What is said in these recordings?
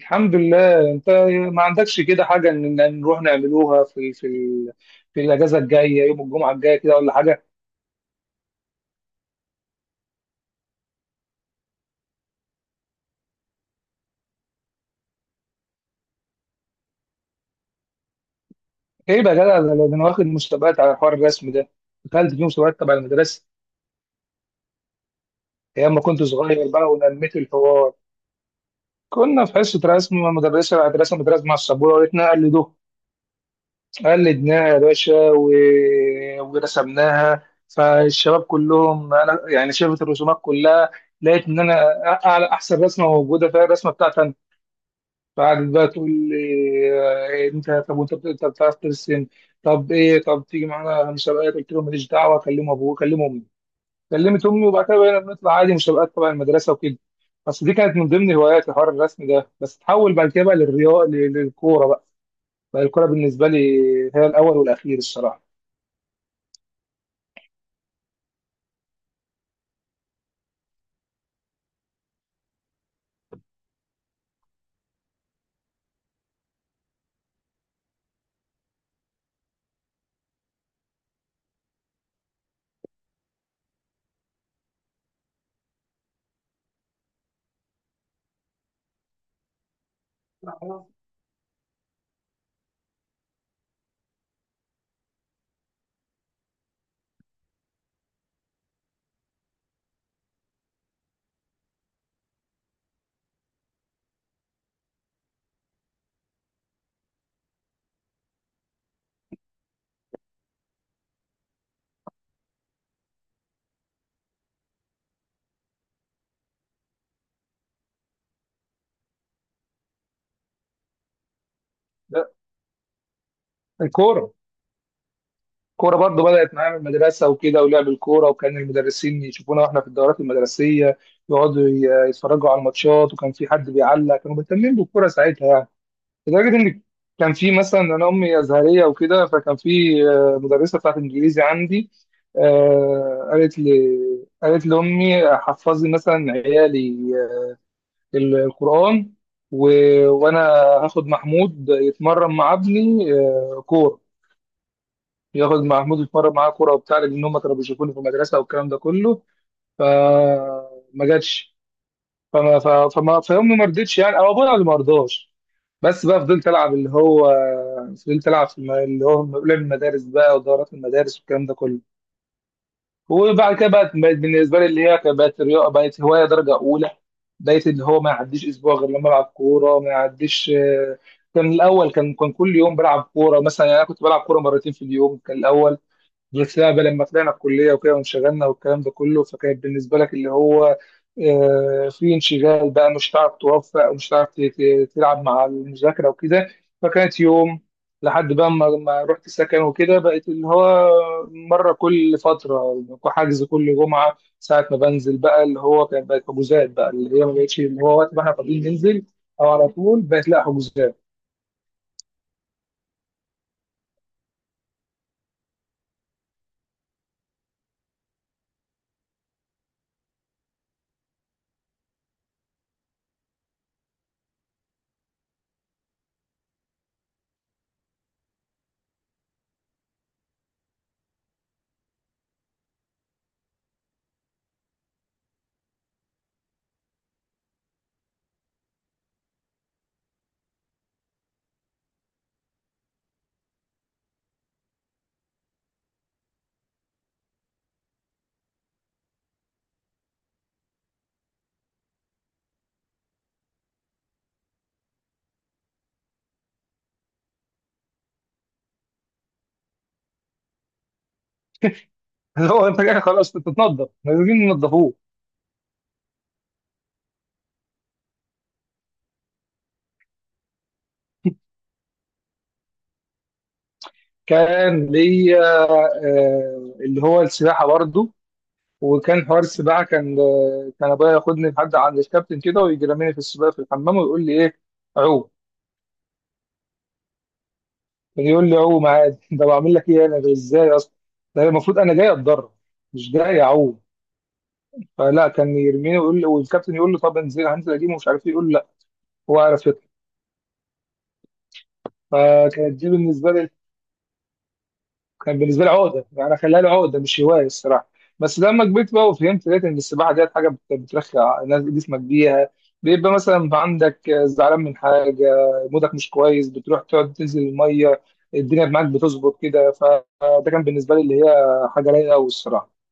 الحمد لله. انت ما عندكش كده حاجه ان نروح نعملوها في في الاجازه الجايه، يوم الجمعه الجايه كده ولا حاجه؟ ايه بقى يا جدع، ده انا واخد مسابقات على حوار الرسم ده. دخلت في مسابقات تبع المدرسه ايام ما كنت صغير بقى، ونميت الحوار. كنا في حصه رسم مع المدرسه، قاعد رسمت رسمه على السبوره وقالتنا قلدوه. قلدناها يا باشا ورسمناها. فالشباب كلهم انا يعني شافت الرسومات كلها، لقيت ان انا أعلى احسن رسمه موجوده فيها الرسمه بتاعتي. بعد بقى تقول لي آه، إيه، انت طب وانت انت بتعرف ترسم؟ طب ايه، طب تيجي معانا مسابقات؟ قلت لهم ماليش دعوه، كلم ابوه كلم امي. كلمت امي وبعد كده بقينا بنطلع عادي مسابقات تبع المدرسه وكده. بس دي كانت من ضمن هواياتي، حوار الرسم ده، بس تحول بعد كده بقى للرياضه، للكوره بقى. بقى الكوره بالنسبه لي هي الاول والاخير الصراحه. ده الكوره، كورة برضو بدأت معايا من المدرسة وكده، ولعب الكورة، وكان المدرسين يشوفونا واحنا في الدورات المدرسية، يتفرجوا على الماتشات، وكان في حد بيعلق، كانوا مهتمين بالكورة ساعتها يعني. لدرجة إن كان في مثلا، أنا أمي أزهرية وكده، فكان في مدرسة بتاعت إنجليزي عندي، قالت لي، قالت لأمي حفظي مثلا عيالي آه، القرآن و... وأنا هاخد محمود يتمرن مع ابني كورة. ياخد محمود يتمرن معاه كوره وبتاع، لان هم كانوا بيشوفوني في المدرسه والكلام ده كله. فما جاتش، فامي ما رضتش يعني، او ابويا اللي ما رضاش. بس بقى فضلت العب اللي هو، فضلت العب في اللي هو لعب المدارس بقى ودورات المدارس والكلام ده كله. وبعد كده بقت بالنسبه لي اللي هي كانت، بقت رياضه، بقت هوايه درجه اولى. بقيت اللي هو ما يعديش اسبوع غير لما العب كوره. ما يعديش، كان الاول، كان كل يوم بلعب كوره مثلا، يعني انا كنت بلعب كوره مرتين في اليوم كان الاول. بس لا بقى لما طلعنا الكليه وكده، وانشغلنا والكلام ده كله، فكانت بالنسبه لك اللي هو في انشغال بقى، مش هتعرف توفق ومش هتعرف تلعب مع المذاكره وكده. فكانت يوم، لحد بقى ما رحت سكن وكده، بقت اللي هو مره كل فتره، حجز كل جمعه ساعه ما بنزل بقى، اللي هو كانت بقت حجوزات بقى، اللي هي ما بقتش اللي هو وقت ما احنا فاضيين ننزل، او على طول بقت لا، حجوزات. اللي هو انت جاي خلاص تتنضف، لازم ننضفوه. كان ليا اللي هو السباحة برضه. وكان حوار السباحة كان، كان أبويا ياخدني لحد عند الكابتن كده، ويجي راميني في السباحة في الحمام ويقول لي إيه، عوم. كان يقول لي عوم عادي. ده بعمل لك إيه أنا، ده إزاي أصلا؟ ده المفروض أنا جاي أتدرب، مش جاي أعوم. فلا، كان يرميني ويقول لي، والكابتن يقول له طب انزل هنزل أجيبه ومش عارف إيه، يقول له لا، هو عارف يطلع. فكانت دي بالنسبة لي، كان بالنسبه لي عقده يعني، انا خليها لي عقده مش هوايه الصراحه. بس لما كبرت بقى وفهمت، لقيت ان السباحه ديت حاجه بترخي جسمك بيها. بيبقى مثلا عندك زعلان من حاجه، مودك مش كويس، بتروح تقعد تنزل الميه، الدنيا معاك بتظبط كده، فده كان بالنسبه لي اللي هي حاجه رايقه قوي الصراحه.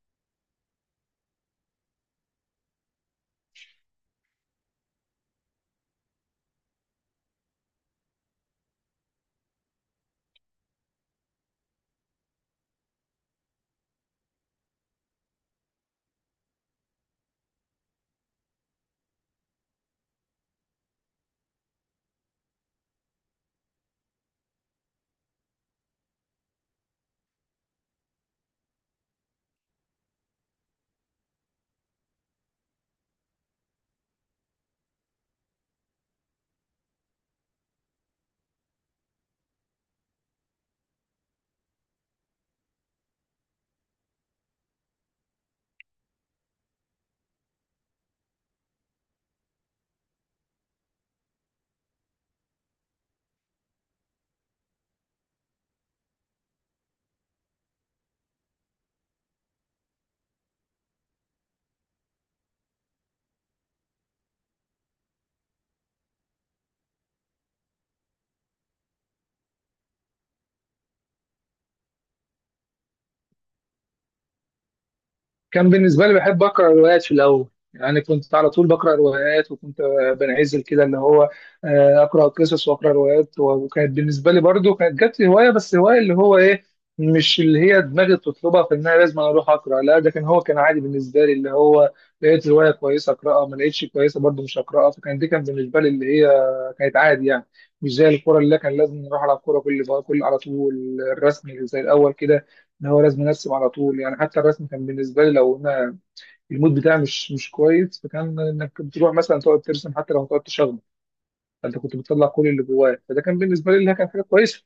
كان بالنسبة لي بحب أقرأ روايات في الأول، يعني كنت على طول بقرأ روايات، وكنت بنعزل كده اللي هو، أقرأ قصص وأقرأ روايات، وكانت بالنسبة لي برضو كانت جت لي هواية، بس هواية اللي هو إيه، مش اللي هي دماغي بتطلبها في إن أنا لازم أنا أروح أقرأ، لا، ده كان، هو كان عادي بالنسبة لي اللي هو، لقيت رواية كويسة أقرأها، ما لقيتش كويسة برضو مش هقرأها. فكان دي كان بالنسبة لي اللي هي كانت عادي يعني. مش زي الكورة اللي كان لازم نروح على الكورة كل على طول، الرسم اللي زي الأول كده ان هو لازم ارسم على طول يعني. حتى الرسم كان بالنسبه لي لو انا المود بتاعي مش كويس، فكان انك بتروح مثلا تقعد ترسم حتى لو تقعد تشخبط، فانت كنت بتطلع كل اللي جواك، فده كان بالنسبه لي اللي كان حاجه كويسه.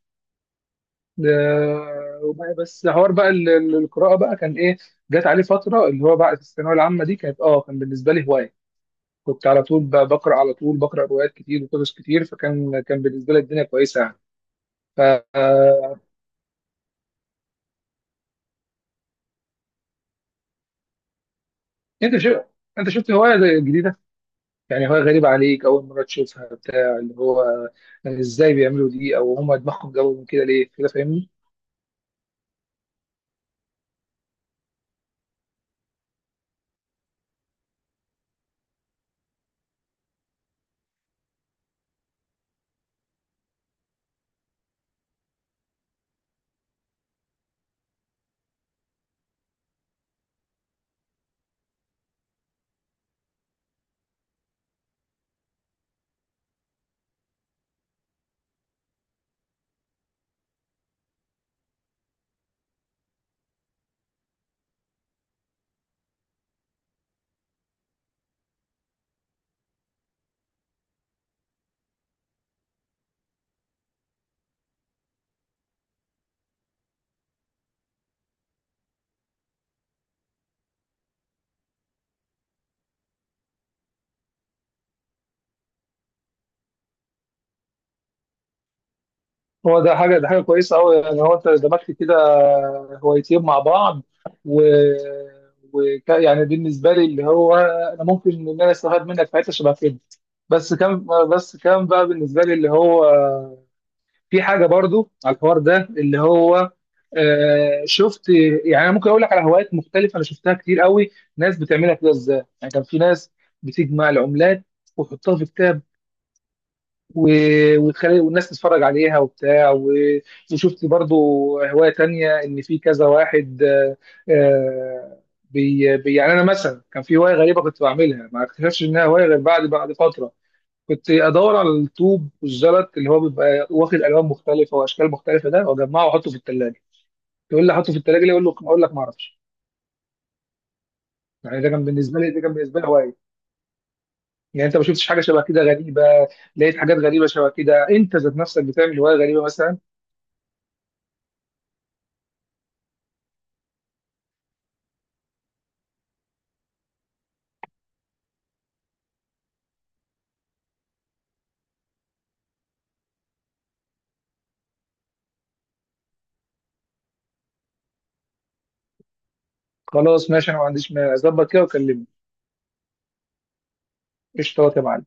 وبقى بس حوار بقى القراءه بقى كان ايه، جات عليه فتره اللي هو بعد الثانويه العامه دي، كانت كان بالنسبه لي هوايه، كنت على طول بقرا، على طول بقرا روايات كتير وقصص كتير، فكان، كان بالنسبه لي الدنيا كويسه يعني. فانت شفت، انت شو، انت شفت هوايه جديده يعني، هو غريب عليك أول مرة تشوفها بتاع اللي هو، يعني إزاي بيعملوا دي، أو هما دماغهم جابوا من كده ليه كده، فاهمني؟ هو ده حاجة، ده حاجة كويسة أوي، يعني هو أنت دمجت كده هوايتين مع بعض، و وك يعني بالنسبة لي اللي هو أنا ممكن إن أنا أستفاد منك في حتة شبه كده. بس كان، بس كان بقى بالنسبة لي اللي هو في حاجه برضو على الحوار ده اللي هو، شفت يعني، انا ممكن اقول لك على هوايات مختلفه انا شفتها كتير قوي، ناس بتعملها كده ازاي. يعني كان في ناس بتجمع العملات وتحطها في كتاب، وتخلي والناس تتفرج عليها وبتاع وشفت برضو هوايه تانية، ان في كذا واحد آه، يعني انا مثلا كان في هوايه غريبه كنت بعملها، ما اكتشفتش انها هوايه غير بعد فتره. كنت ادور على الطوب والزلط اللي هو بيبقى واخد الوان مختلفه واشكال مختلفه ده، واجمعه واحطه في الثلاجه. تقول لي احطه في الثلاجه ليه، اقول له، اقول لك ما اعرفش. يعني ده كان بالنسبه لي، ده كان بالنسبه لي هوايه. يعني انت ما شفتش حاجه شبه كده غريبه؟ لقيت حاجات غريبه شبه كده؟ انت ذات نفسك بتعمل هوايه غريبه مثلا؟ خلاص ماشي، انا ما عنديش، ما اظبط كده وكلمني. قشطه يا معلم.